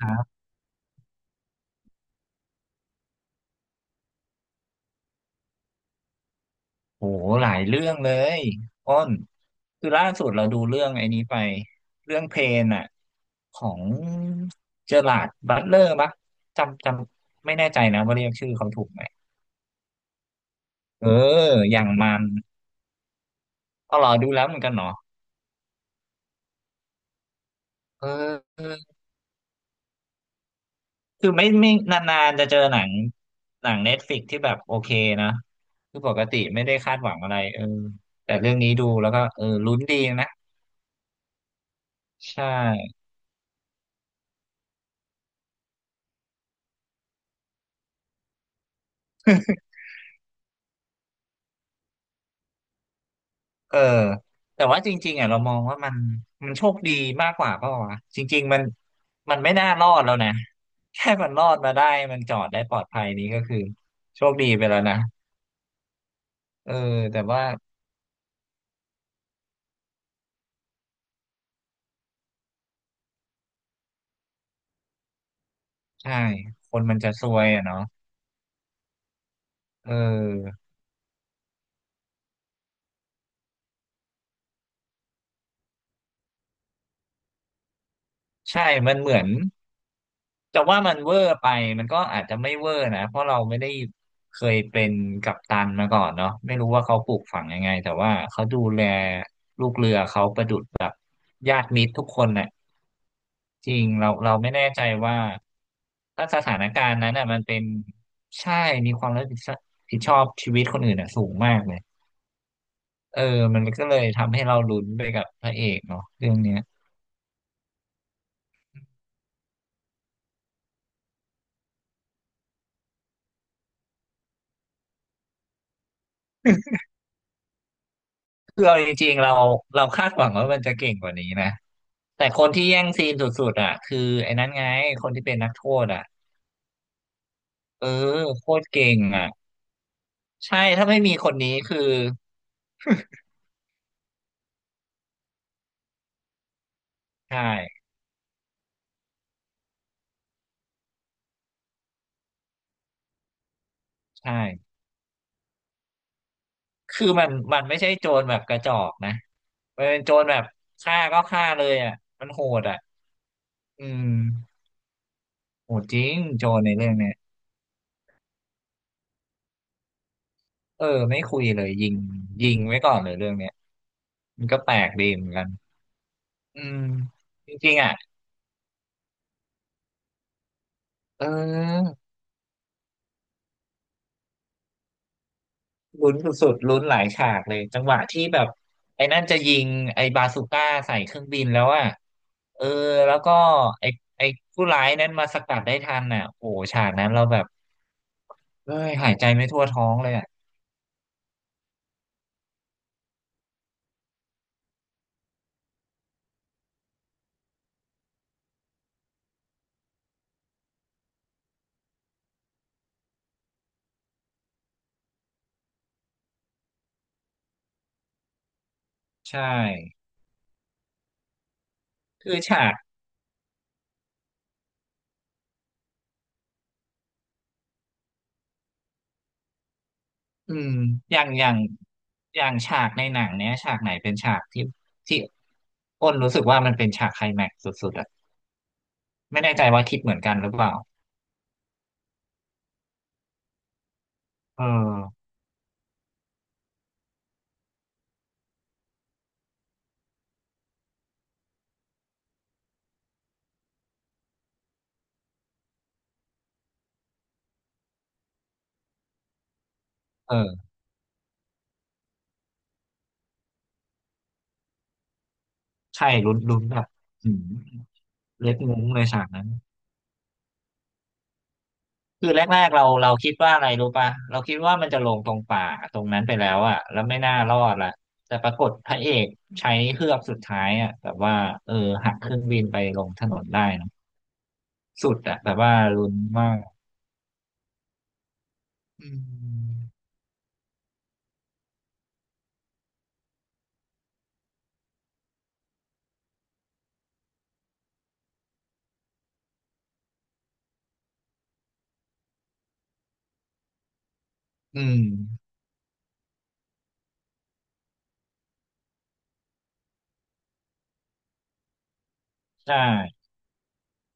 ครับโหหลายเรื่องเลยอ้นคือล่าสุดเราดูเรื่องไอ้นี้ไปเรื่องเพลนอะของเจอราร์ดบัตเลอร์ปะจำไม่แน่ใจนะว่าเรียกชื่อเขาถูกไหมเอออย่างมันก็รอดูแล้วเหมือนกันเนาะเออคือไม่นานๆจะเจอหนังเน็ตฟลิกที่แบบโอเคนะคือปกติไม่ได้คาดหวังอะไรเออแต่เรื่องนี้ดูแล้วก็เออลุ้นดีนะใช่ เออแต่ว่าจริงๆอ่ะเรามองว่ามันโชคดีมากกว่าเปล่าวะจริงๆมันไม่น่ารอดแล้วนะ แค่มันรอดมาได้มันจอดได้ปลอดภัยนี้ก็คือโชคดีไปแล้วนะเออแต่ว่าใช่คนมันจะซวยอ่ะเนาะเออใช่มันเหมือนแต่ว่ามันเวอร์ไปมันก็อาจจะไม่เวอร์นะเพราะเราไม่ได้เคยเป็นกัปตันมาก่อนเนาะไม่รู้ว่าเขาปลูกฝังยังไงแต่ว่าเขาดูแลลูกเรือเขาประดุจแบบญาติมิตรทุกคนน่ะ จริงเราไม่แน่ใจว่าถ้าสถานการณ์นั้นอ่ะมันเป็นใช่มีความรับผิดชอบผิดชอบชีวิตคนอื่นอ่ะสูงมากเลยเออมันก็เลยทำให้เราลุ้นไปกับพระเอกเนาะเรื่องเนี้ยคือเอาจริงๆเราคาดหวังว่ามันจะเก่งกว่านี้นะแต่คนที่แย่งซีนสุดๆอ่ะคือไอ้นั้นไงคนที่เป็นนักโทษอ่ะเออโคตรเก่งอ่ะใช่ถ้าไม่มีคนนี้คือใช่ใช่คือมันไม่ใช่โจรแบบกระจอกนะ เป็นโจรแบบฆ่าก็ฆ่าเลยอ่ะมันโหดอ่ะอืมโหดจริงโจรในเรื่องเนี้ยเออไม่คุยเลยยิงยิงไว้ก่อนเลยเรื่องเนี้ยมันก็แปลกดีเหมือนกันอืมจริงๆอ่ะเออลุ้นสุดๆลุ้นหลายฉากเลยจังหวะที่แบบไอ้นั่นจะยิงไอ้บาซูก้าใส่เครื่องบินแล้วอ่ะเออแล้วก็ไอ้ไอ้ผู้ร้ายนั้นมาสกัดได้ทันอ่ะโอ้โหฉากนั้นเราแบบเอ้ยหายใจไม่ทั่วท้องเลยอ่ะใช่คือฉาก อืมอย่างอย่างอย่างฉากในหนังเนี้ยฉากไหนเป็นฉากที่อ้นรู้สึกว่ามันเป็นฉากไคลแม็กซ์สุดๆอะไม่แน่ใจว่าคิดเหมือนกันหรือเปล่าเออเออใช่ลุ้นลุ้นแบบอืมเล็ดมุ้งเลยฉากนั้นคือแรกๆเราคิดว่าอะไรรู้ป่ะเราคิดว่ามันจะลงตรงป่าตรงนั้นไปแล้วอะแล้วไม่น่ารอดละแต่ปรากฏพระเอกใช้เฮือกสุดท้ายอะแบบว่าเออหักเครื่องบินไปลงถนนได้เนอะสุดอะแบบว่าลุ้นมากอืม อืมใช่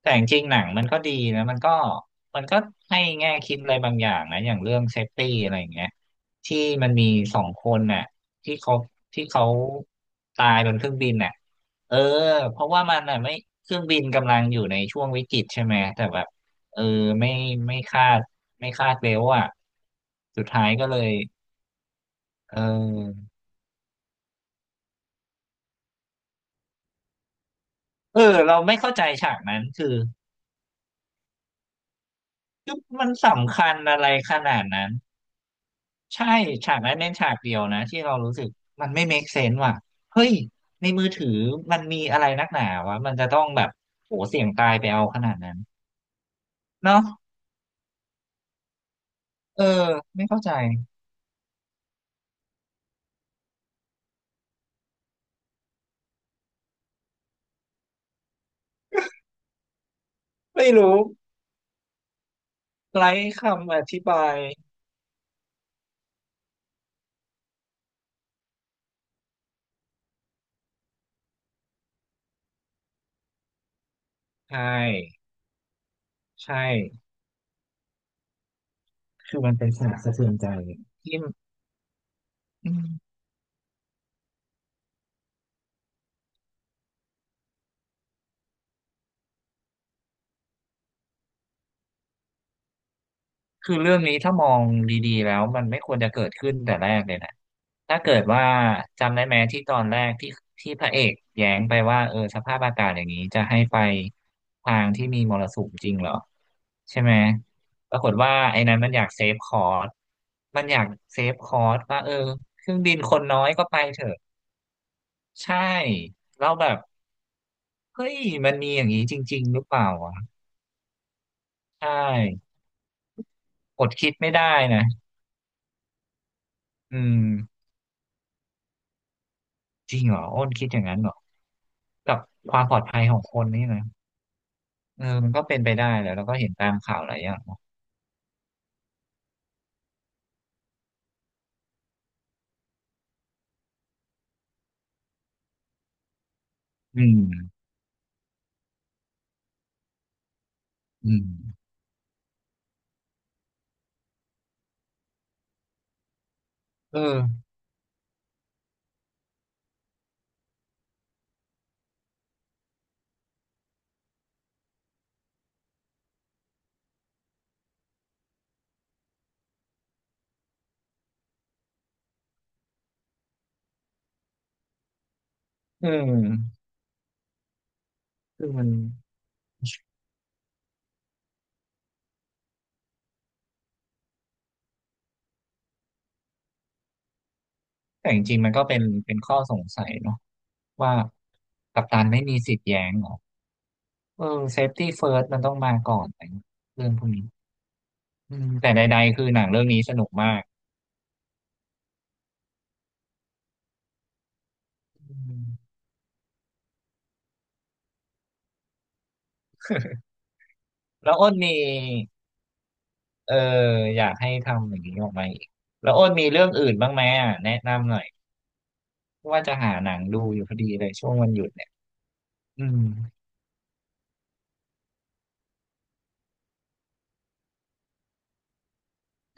แต่จริงๆหนังมันก็ดีนะมันก็ให้แง่คิดอะไรบางอย่างนะอย่างเรื่องเซฟตี้อะไรอย่างเงี้ยที่มันมีสองคนน่ะที่เขาที่เขาตายบนเครื่องบินน่ะเออเพราะว่ามันน่ะไม่เครื่องบินกำลังอยู่ในช่วงวิกฤตใช่ไหมแต่แบบเออไม่ไม่คาดไม่คาดเร็วอ่ะสุดท้ายก็เลยเออเออเราไม่เข้าใจฉากนั้นคือมันสำคัญอะไรขนาดนั้น ใช่ฉากนั้นเน้นฉากเดียวนะที่เรารู้สึกมันไม่ make sense ว่ะเฮ้ยในมือถือมันมีอะไรนักหนาวะมันจะต้องแบบโหเสี่ยงตายไปเอาขนาดนั้นเนาะเออไม่เข้าใจไม่รู้ไร้คำอธิบายใช่ใช่คือมันเป็นฉากสะเทือนใจที่ คือเรื่องนี้ถ้ามองดีๆแล้วมันไม่ควรจะเกิดขึ้นแต่แรกเลยนะถ้าเกิดว่าจำได้ไหมที่ตอนแรกที่พระเอกแย้งไปว่าเออสภาพอากาศอย่างนี้จะให้ไปทางที่มีมรสุมจริงเหรอใช่ไหมปรากฏว่าไอ้นั้นมันอยากเซฟคอสมันอยากเซฟคอสว่าเออเครื่องบินคนน้อยก็ไปเถอะใช่เราแล้วแบบเฮ้ยมันมีอย่างนี้จริงๆหรือเปล่าวะใช่อดคิดไม่ได้นะอืมจริงเหรออ้นคิดอย่างนั้นเหรอ กับความปลอดภัยของคนนี่นะเออมันก็เป็นไปได้แหละแล้วก็เห็นตามข่าวหลายอย่างอืมอืมเออเออคือมันแต่จริงๆมันก็เป็นข้อสงสัยเนาะว่ากัปตันไม่มีสิทธิ์แย้งเหรอเออเซฟตี้เฟิร์สมันต้องมาก่อนอะไรเงี้ยเรื่องพวกนี้อืมแต่ใดๆคือหนังเรื่องนี้สนุกมากอืมแล้วอ้นมีเอออยากให้ทำอย่างนี้ออกมาอีกแล้วอ้นมีเรื่องอื่นบ้างไหมอ่ะแนะนำหน่อยว่าจะหาหนังดูอยู่พอดีเลยช่วงวันหยุด อืม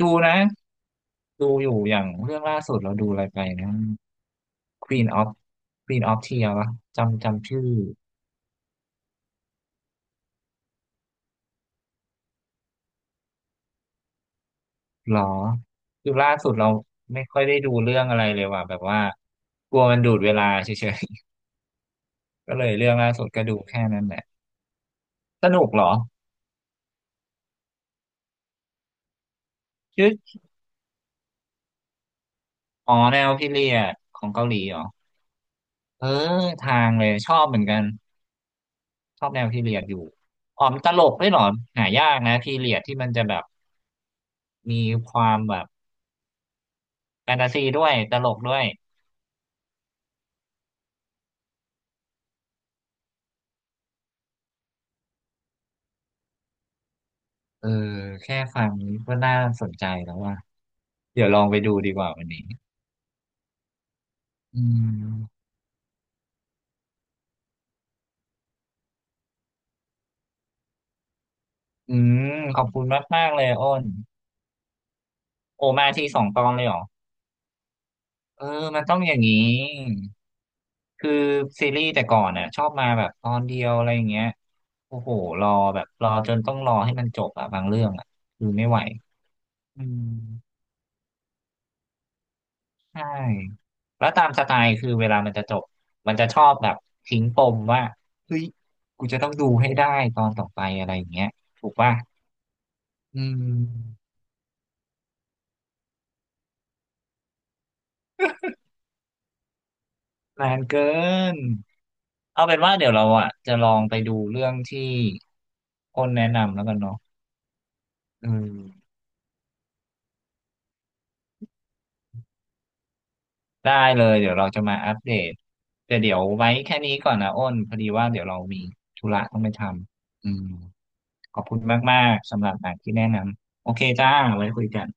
ดูนะดูอยู่อย่างเรื่องล่าสุดเราดูอะไรไปนะ Queen of Queen of tear วะจำชื่อหรอคือล่าสุดเราไม่ค่อยได้ดูเรื่องอะไรเลยว่ะแบบว่ากลัวมันดูดเวลาเฉยๆ ก็เลยเรื่องล่าสุดก็ดูแค่นั้นแหละสนุกเหรอชื่ออ๋อแนวพีเรียดของเกาหลีเหรอเออทางเลยชอบเหมือนกันชอบแนวพีเรียดอยู่อ๋อมนตลกด้วยเหรอหายากนะพีเรียดที่มันจะแบบมีความแบบ แฟนตาซีด้วยตลกด้วยเออแค่ฟังก็น่าสนใจแล้วว่ะเดี๋ยวลองไปดูดีกว่าวันนี้อืมอืมขอบคุณมากๆเลยอ้นโอมาทีสองตอนเลยเหรอเออมันต้องอย่างนี้คือซีรีส์แต่ก่อนอ่ะชอบมาแบบตอนเดียวอะไรอย่างเงี้ยโอ้โหรอแบบรอจนต้องรอให้มันจบอ่ะบางเรื่องอ่ะคือไม่ไหวอืม ใช่แล้วตามสไตล์คือเวลามันจะจบ มันจะชอบแบบทิ้งปมว่าเฮ้ยกูจะต้องดูให้ได้ตอนต่อไปอะไรอย่างเงี้ยถูกป่ะอืมนานเกินเอาเป็นว่าเดี๋ยวเราอ่ะจะลองไปดูเรื่องที่คนแนะนำแล้วกันเนาะอืมได้เลยเดี๋ยวเราจะมาอัปเดตแต่เดี๋ยวไว้แค่นี้ก่อนนะอ้นพอดีว่าเดี๋ยวเรามีธุระต้องไปทำอืมขอบคุณมากๆ สำหรับหนังที่แนะนำโอเคจ้าไว้คุยกัน